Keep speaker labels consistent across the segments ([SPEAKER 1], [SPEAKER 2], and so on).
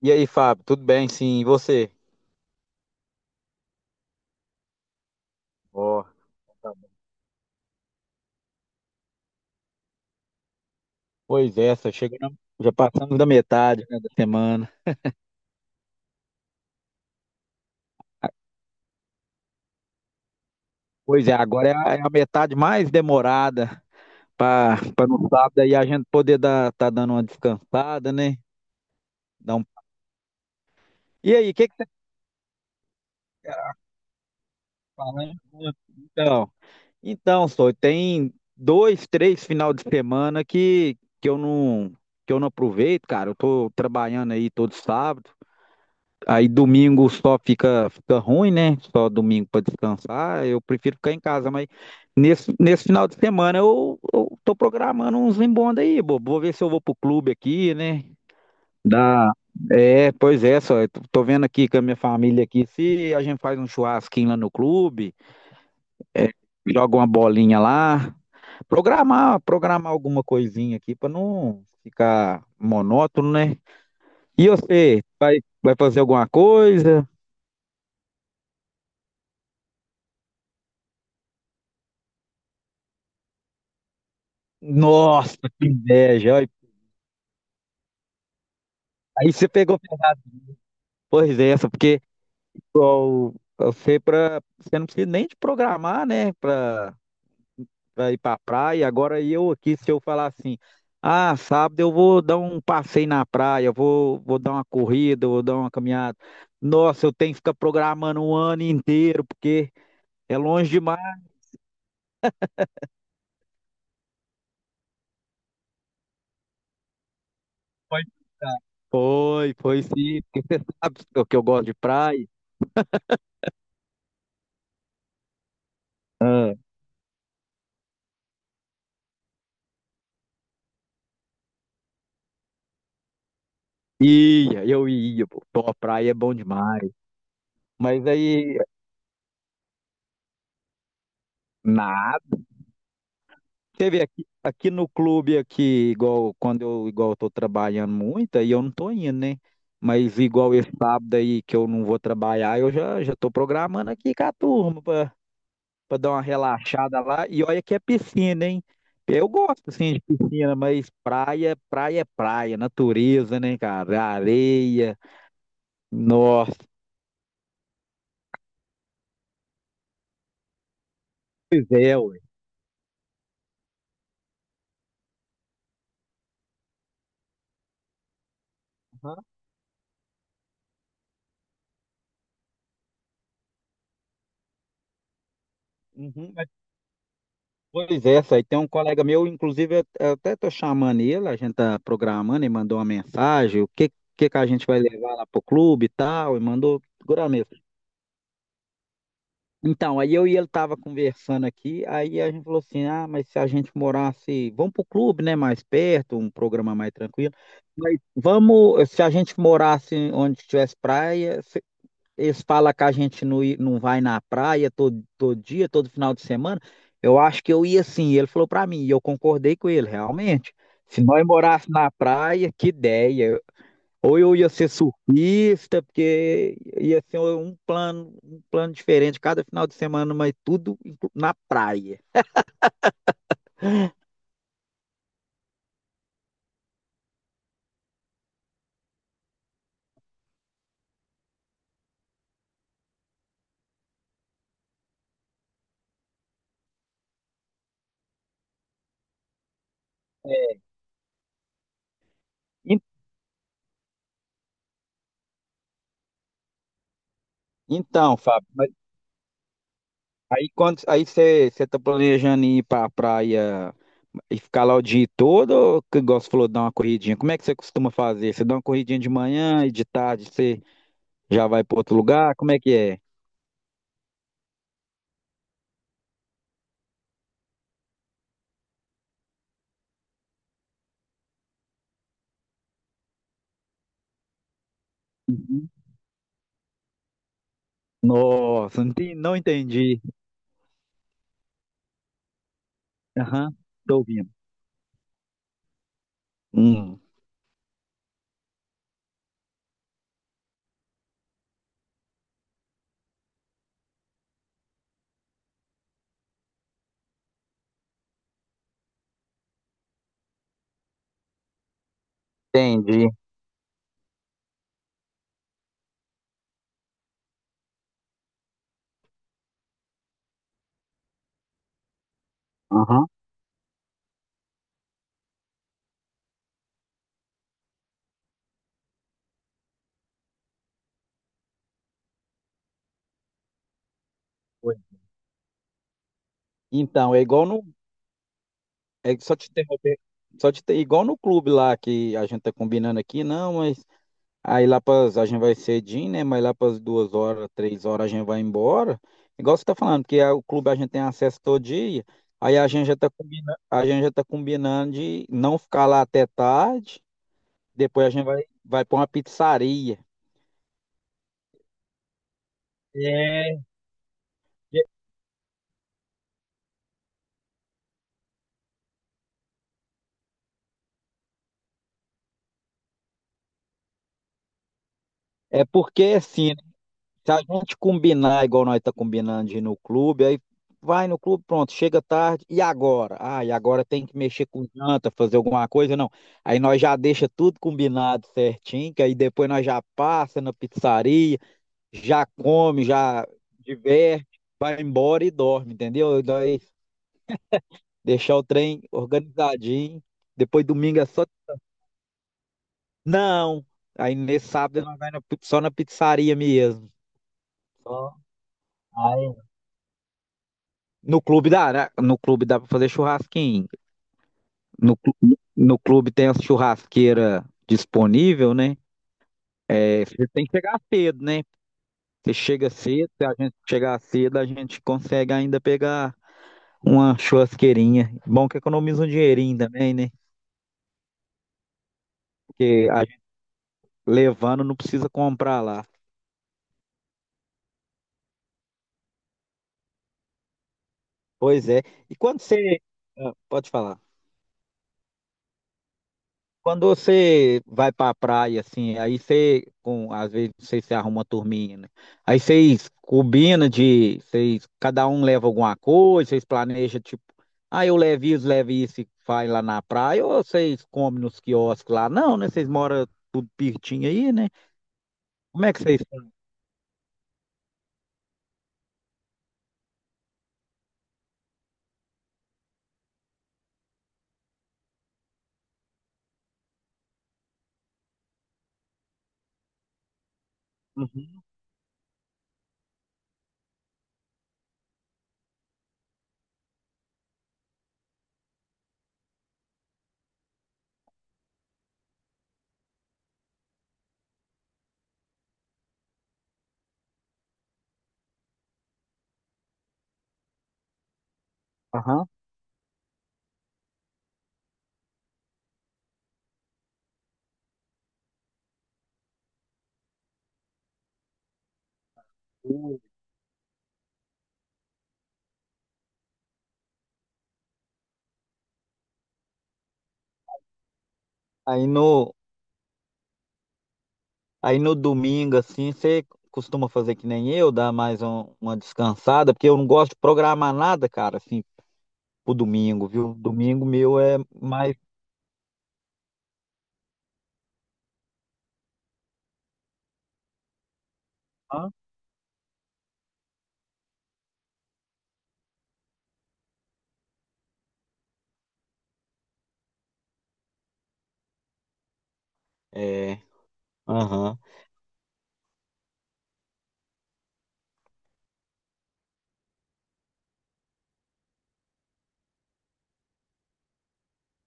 [SPEAKER 1] E aí, Fábio, tudo bem? Sim, e você? Ó, tá bom. Pois é, só chegando, já passamos da metade, né, da semana. Pois é, agora é a metade mais demorada para no sábado aí a gente poder dar tá dando uma descansada, né? Dar um... E aí, o que que você tá falando? Então, então, só tem dois, três final de semana que eu não que eu não aproveito, cara. Eu tô trabalhando aí todo sábado. Aí domingo só fica, fica ruim, né? Só domingo para descansar. Eu prefiro ficar em casa, mas nesse final de semana eu tô programando uns embonda aí, bobo. Vou ver se eu vou pro clube aqui, né? Dá. É, pois é, só. Eu tô vendo aqui com a minha família aqui se a gente faz um churrasquinho lá no clube, é, joga uma bolinha lá. Programar alguma coisinha aqui para não ficar monótono, né? E você, vai fazer alguma coisa? Nossa, que inveja. Olha, aí você pegou pesado. Pois é, essa, porque igual, você, pra, você não precisa nem de programar, né, pra, pra ir pra praia. Agora eu aqui, se eu falar assim, ah, sábado eu vou dar um passeio na praia, eu vou dar uma corrida, eu vou dar uma caminhada. Nossa, eu tenho que ficar programando um ano inteiro, porque é longe demais. Pode ficar. Foi, foi sim. Sabe o que eu gosto de praia? Ia, eu ia, pô. Pô, a praia é bom demais. Mas aí. Nada. Você vê aqui, aqui no clube aqui, igual eu tô trabalhando muito, aí eu não tô indo, né? Mas igual esse sábado aí que eu não vou trabalhar, eu já tô programando aqui com a turma pra, pra dar uma relaxada lá. E olha que é piscina, hein? Eu gosto assim de piscina, mas praia é praia, natureza, né, cara? Areia. Nossa, pois é, ué. Aham, uhum. Pois é, aí tem um colega meu, inclusive eu até tô chamando ele, a gente tá programando, ele mandou uma mensagem, o que que a gente vai levar lá pro clube e tal, e mandou segurar mesmo. Então, aí eu e ele tava conversando aqui, aí a gente falou assim, ah, mas se a gente morasse, vamos pro clube, né, mais perto, um programa mais tranquilo, mas vamos, se a gente morasse onde tivesse praia, eles falam que a gente não, i- não vai na praia todo, todo dia, todo final de semana. Eu acho que eu ia sim. Ele falou pra mim, e eu concordei com ele, realmente. Se nós morássemos na praia, que ideia. Ou eu ia ser surfista, porque ia ser um plano diferente cada final de semana, mas tudo inclu- na praia. En- Então, Fábio, mas aí quando aí você está planejando ir para a praia e ficar lá o dia todo, ou, que igual você falou, dar uma corridinha? Como é que você costuma fazer? Você dá uma corridinha de manhã e de tarde você já vai para outro lugar? Como é que é? Uhum. Nossa, não entendi. Aham, tô ouvindo. Hum, entendi. Aham. Foi. Então, é igual no. É só te interromper. Só te ter, igual no clube lá que a gente tá combinando aqui, não, mas aí lá pras, a gente vai cedinho, né? Mas lá para duas horas, três horas a gente vai embora. Igual você tá falando, porque a- o clube a gente tem acesso todo dia. Aí a gente já tá combinando, a gente já tá combinando de não ficar lá até tarde. Depois a gente vai para uma pizzaria. É, é porque assim, se a gente combinar igual nós tá combinando de ir no clube, aí vai no clube, pronto, chega tarde, e agora? Ah, e agora tem que mexer com janta, fazer alguma coisa, não. Aí nós já deixa tudo combinado certinho, que aí depois nós já passa na pizzaria, já come, já diverte, vai embora e dorme, entendeu? Nós deixar o trem organizadinho, depois domingo é só... Não! Aí nesse sábado nós vai na- pi- só na pizzaria mesmo. Só. No clube dá, né? No clube dá para fazer churrasquinho. No, clu- no clube tem a churrasqueira disponível, né? É, você tem que chegar cedo, né? Você chega cedo, se a gente chegar cedo, a gente consegue ainda pegar uma churrasqueirinha. Bom que economiza um dinheirinho também, né? Porque a gente levando não precisa comprar lá. Pois é. E quando você. Ah, pode falar. Quando você vai para a praia, assim, aí você, com, às vezes, não se arruma uma turminha, né? Aí vocês combinam de, vocês, cada um leva alguma coisa, vocês planejam, tipo, ah, eu levo isso e vai lá na praia, ou vocês comem nos quiosques lá? Não, né? Vocês moram tudo pertinho aí, né? Como é que vocês... Uhum. Aham. Aí no, aí no domingo, assim, você costuma fazer que nem eu, dar mais um- uma descansada, porque eu não gosto de programar nada, cara, assim, o domingo, viu? Domingo meu é mais. Hã? É, aham.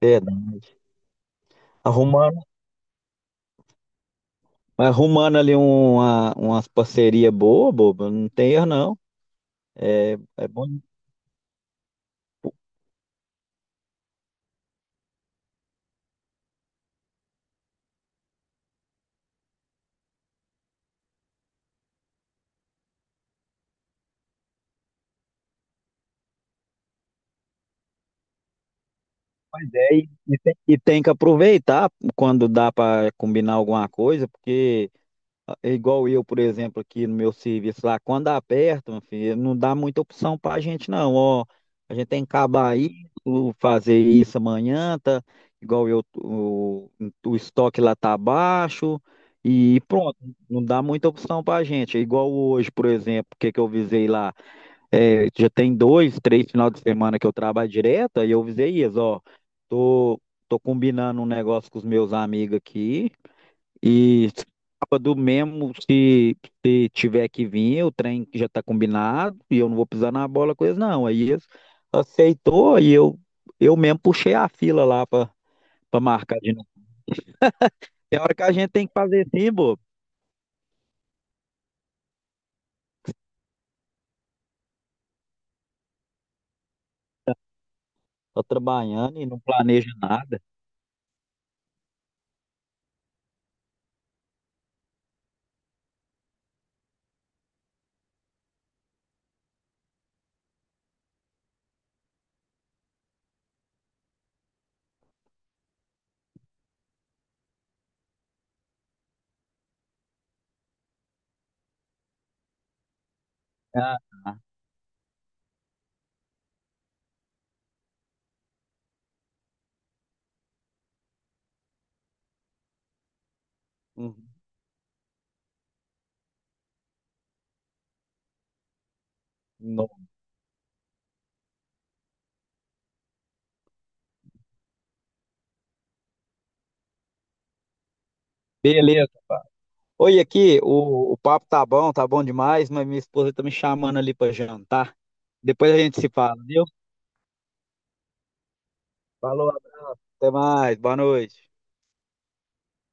[SPEAKER 1] É, arrumando, arrumando ali uma, umas parcerias boas, boba, não tem erro não. É, é bom demais, e tem que aproveitar quando dá para combinar alguma coisa, porque ah, é igual eu, por exemplo, aqui no meu serviço lá, quando aperta, meu filho, não dá muita opção pra gente não, ó, a gente tem que acabar isso, fazer isso amanhã, tá? Igual eu, o estoque lá tá baixo e pronto, não dá muita opção pra gente. É igual hoje, por exemplo, o que que eu visei lá, é, já tem dois, três final de semana que eu trabalho direto, aí eu visei isso, ó, tô, tô combinando um negócio com os meus amigos aqui, e sábado mesmo, se tiver que vir, o trem já tá combinado e eu não vou pisar na bola com eles, não. Aí eles aceitou e eu mesmo puxei a fila lá pra, pra marcar de novo. Tem hora que a gente tem que fazer assim, bobo. Tô trabalhando e não planeja nada. Ah, ah, uhum, não. Beleza. Oi, aqui, o papo tá bom demais, mas minha esposa tá me chamando ali pra jantar. Depois a gente se fala, viu? Falou, até mais, boa noite.